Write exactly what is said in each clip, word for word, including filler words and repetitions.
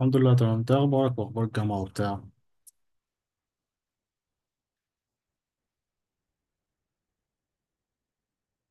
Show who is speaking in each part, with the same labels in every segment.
Speaker 1: الحمد لله، تمام. انت ايه اخبارك واخبار الجامعه وبتاع؟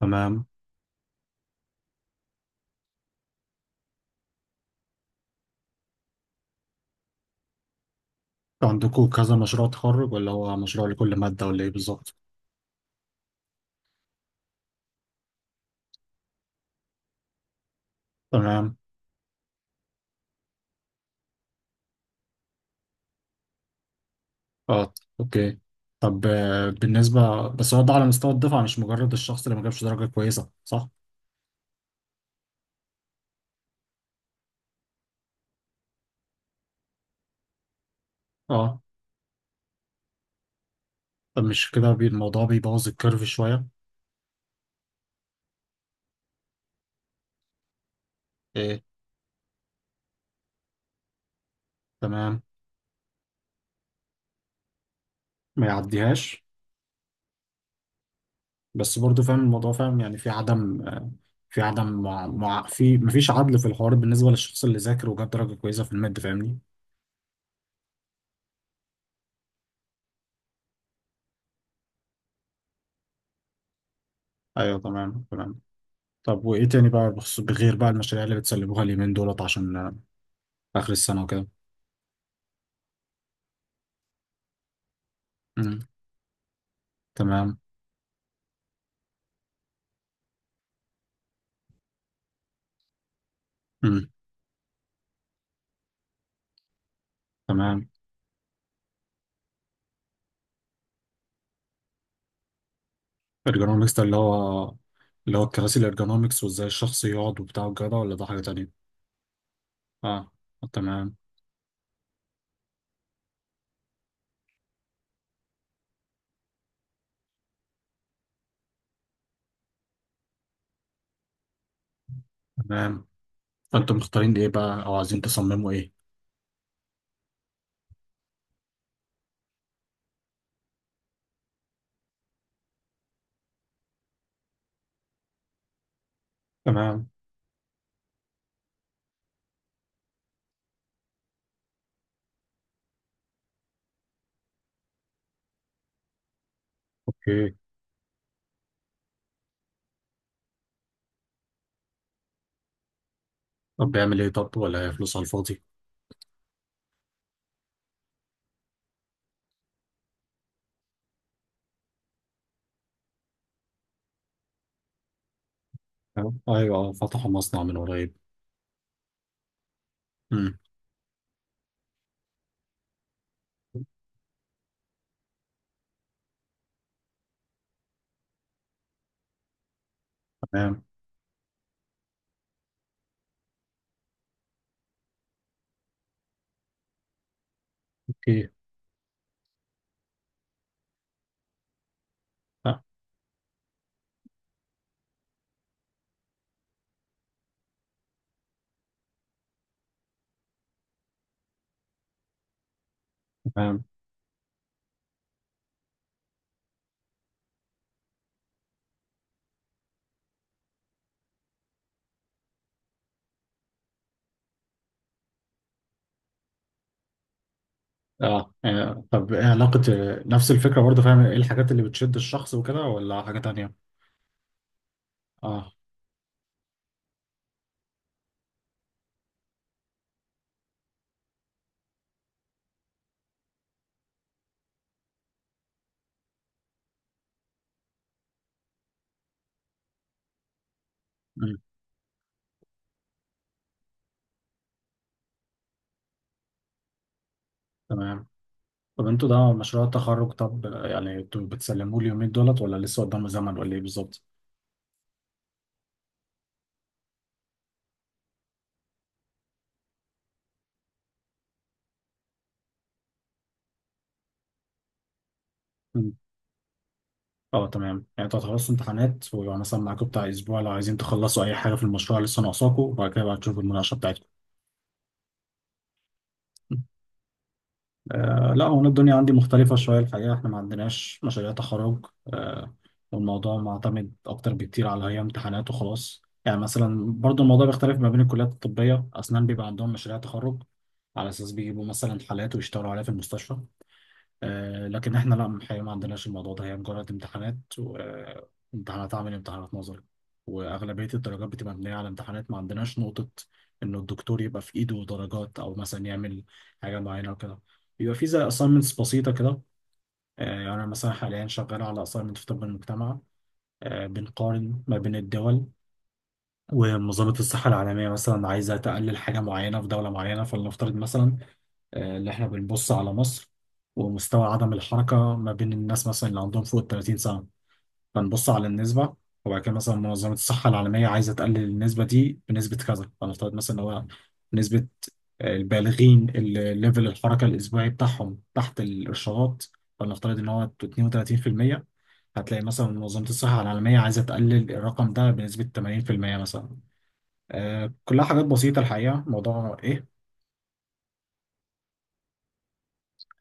Speaker 1: تمام. عندكم كذا مشروع تخرج ولا هو مشروع لكل ماده ولا ايه بالظبط؟ تمام اه، اوكي. طب آه، بالنسبه، بس هو ده على مستوى الدفعه مش مجرد الشخص اللي ما جابش درجه كويسه، صح؟ اه. طب مش كده بي- الموضوع بيبوظ الكيرف شويه. ايه. تمام. ما يعديهاش. بس برضو فاهم الموضوع، فاهم يعني في عدم آه، في عدم مع... مع... في مفيش عدل في الحوار بالنسبه للشخص اللي ذاكر وجاب درجه كويسه في الماده، فاهمني؟ ايوه، تمام تمام. طب وايه تاني بقى بخص- بغير بقى المشاريع اللي بتسلموها اليومين دولت عشان آه، اخر السنه وكده. امم تمام. امم تمام. الارجونومكس ده اللي هو، اللي هو الكراسي الارجونومكس وازاي الشخص يقعد وبتاع وكده، ولا ده حاجه تانية؟ اه. تمام. تمام. فانتم مختارين ايه بقى او عايزين تصمموا ايه؟ تمام. اوكي. طب بيعمل ايه؟ طب ولا هي فلوس على الفاضي؟ تمام. ايوه آه. فتحوا مصنع من قريب. امم تمام. اوكي. آه. تمام. اه آه، طب ايه علاقة آه، نفس الفكرة برضه، فاهم؟ ايه الحاجات اللي بتشد الشخص وكده ولا حاجة تانية؟ اه. مم. تمام. طب انتوا ده مشروع التخرج، طب آه، يعني انتوا بتسلموه اليومين دولت ولا لسه قدام زمن ولا ايه بالظبط؟ مم. اه، تمام. يعني انتوا هتخلصوا امتحانات ويبقى مثلا معاكم بتاع اسبوع لو عايزين تخلصوا اي حاجة في المشروع لسه ناقصاكوا، وبعد كده بقى تشوفوا المناقشة بتاعتكم. آه لا، هو أنا الدنيا عندي مختلفة شوية الحقيقة، احنا ما عندناش مشاريع تخرج. آه. والموضوع معتمد أكتر بكتير على هي امتحانات وخلاص. يعني مثلا برضو الموضوع بيختلف ما بين الكليات، الطبية، أسنان بيبقى عندهم مشاريع تخرج على أساس بيجيبوا مثلا حالات ويشتغلوا عليها في المستشفى. آه، لكن احنا لا الحقيقة، ما عندناش الموضوع ده. هي مجرد امتحانات وامتحانات عملي وامتحانات نظري. واغلبية الدرجات بتبقى مبنية على امتحانات. ما عندناش نقطة انه الدكتور يبقى في ايده درجات او مثلا يعمل حاجة معينة وكده. بيبقى في زي assignments بسيطة كده. آه، يعني انا مثلا حاليا شغال على assignment في طب المجتمع. آه، بنقارن ما بين الدول. ومنظمة الصحة العالمية مثلا عايزة تقلل حاجة معينة في دولة معينة، فلنفترض مثلا آه، اللي احنا بنبص على مصر ومستوى عدم الحركة ما بين الناس مثلا اللي عندهم فوق ال تلاتين سنة. فنبص على النسبة، وبعد كده مثلا منظمة الصحة العالمية عايزة تقلل النسبة دي بنسبة كذا، فنفترض مثلا إن هو نسبة آه، البالغين اللي ليفل الحركة الأسبوعي بتاعهم تحت الإرشادات، فنفترض إن هو اتنين وتلاتين في المية. هتلاقي مثلا منظمة الصحة العالمية عايزة تقلل الرقم ده بنسبة تمانين في المية مثلا. آه، كلها حاجات بسيطة الحقيقة، موضوع إيه.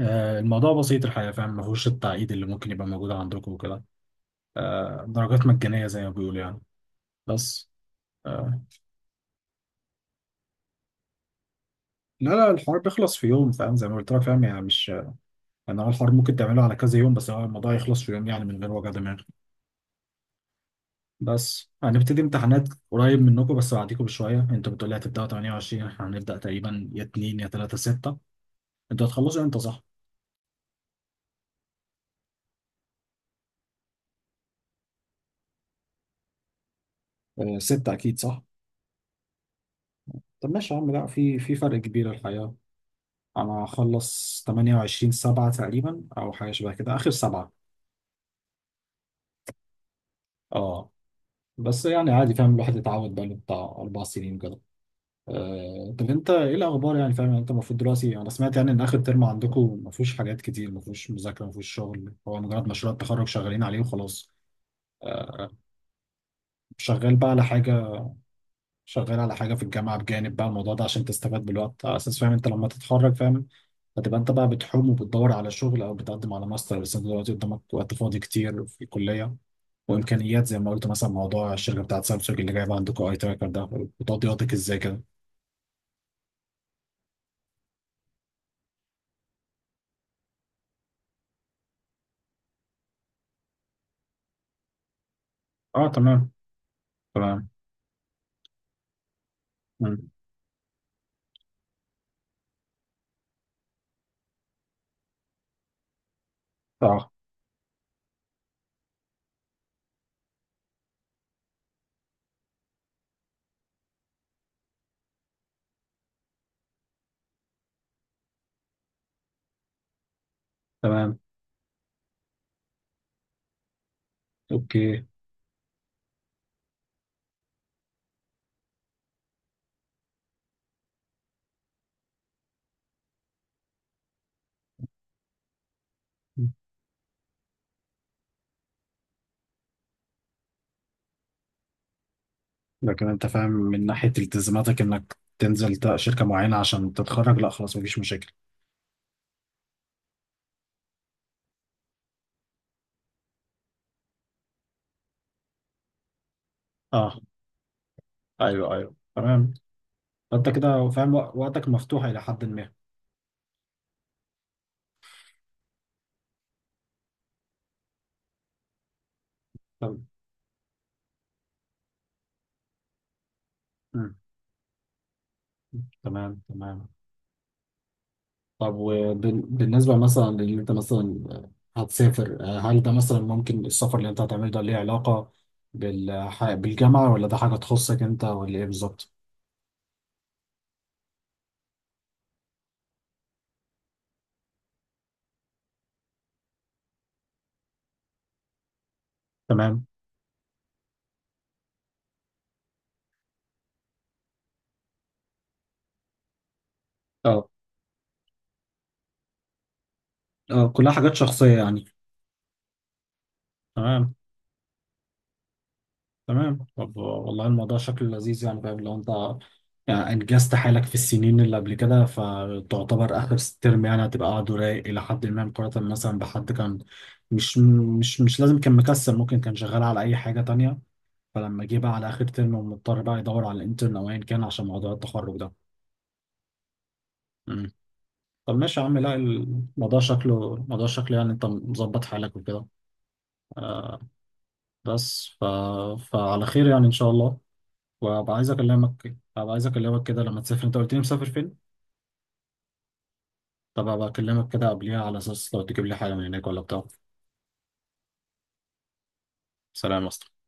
Speaker 1: آه، الموضوع بسيط الحقيقة، فاهم، ما فيهوش التعقيد اللي ممكن يبقى موجود عندكم وكده. آه، درجات مجانية زي ما بيقولوا يعني. بس آه، لا لا، الحوار بيخلص في يوم، فاهم، زي ما قلت لك. فاهم يعني مش، يعني هو الحوار ممكن تعمله على كذا يوم، بس هو الموضوع يخلص في يوم، يعني من غير وجع دماغ. بس هنبتدي امتحانات قريب منكم، بس بعديكم بشوية. انتوا بتقولي هتبدأوا ثمانية وعشرين، احنا هنبدأ تقريبا يا اثنين يا تلاتة ستة. انتوا هتخلصوا امتى، صح؟ آه، ستة أكيد صح؟ طب ماشي يا عم، لا في في فرق كبير الحقيقة. انا هخلص ثمانية وعشرين سبعة تقريبا او حاجة شبه كده، اخر سبعة. اه. بس يعني عادي، فاهم، الواحد اتعود بقاله بتاع اربع سنين كده. آه، طب انت ايه الاخبار، يعني فاهم يعني انت المفروض دلوقتي، انا سمعت يعني ان اخر ترم عندكم ما فيهوش حاجات كتير، ما فيهوش مذاكره، ما فيهوش شغل، هو مجرد مشروع التخرج شغالين عليه وخلاص. آه، شغال بقى على حاجه، شغال على حاجه في الجامعه بجانب بقى الموضوع ده عشان تستفاد بالوقت، على اساس فاهم انت لما تتخرج فاهم هتبقى انت بقى بتحوم وبتدور على شغل او بتقدم على ماستر. بس انت دلوقتي قدامك وقت فاضي كتير في الكليه وامكانيات، زي ما قلت مثلا موضوع الشركه بتاعت سامسونج اللي جايبه عندكم اي تراكر ده، وتقضياتك ازاي كده. اه، تمام تمام. مم. اه، تمام. اوكي. لكن انت فاهم من ناحيه التزاماتك انك تنزل تا- شركه معينه عشان تتخرج، لا خلاص مفيش مشاكل. اه، ايوه ايوه تمام. انت كده فاهم وق- وقتك مفتوح الى حد ما. طب. مم. تمام تمام. طب وبالنسبة مثلا اللي انت مثلا هتسافر، هل ده مثلا ممكن السفر اللي انت هتعمله ده ليه علاقة بالح... بالجامعة ولا ده حاجة تخصك انت ولا ايه بالظبط؟ تمام. اه اه، كلها حاجات شخصية يعني. تمام. تمام. طب والله الموضوع شكله لذيذ يعني، فاهم، لو انت يعني انجزت حالك في السنين اللي قبل كده، فتعتبر اخر ترم يعني هتبقى قاعد رايق الى حد ما، مقارنة مثلا بحد كان، مش مش مش لازم كان مكسل، ممكن كان شغال على اي حاجة تانية، فلما جه بقى على اخر ترم ومضطر بقى يدور على الانترن او ايا كان عشان موضوع التخرج ده. مم. طب ماشي يا عم، لا الموضوع شكله، الموضوع شكله يعني انت مظبط حالك وكده. آه. بس ف... فعلى خير يعني، ان شاء الله. وابقى عايز اكلمك، ابقى عايز اكلمك كده لما تسافر. انت قلت لي مسافر فين؟ طب ابقى اكلمك كده قبليها على اساس لو تجيب لي حاجه من هناك ولا بتاع. سلام يا اسطى.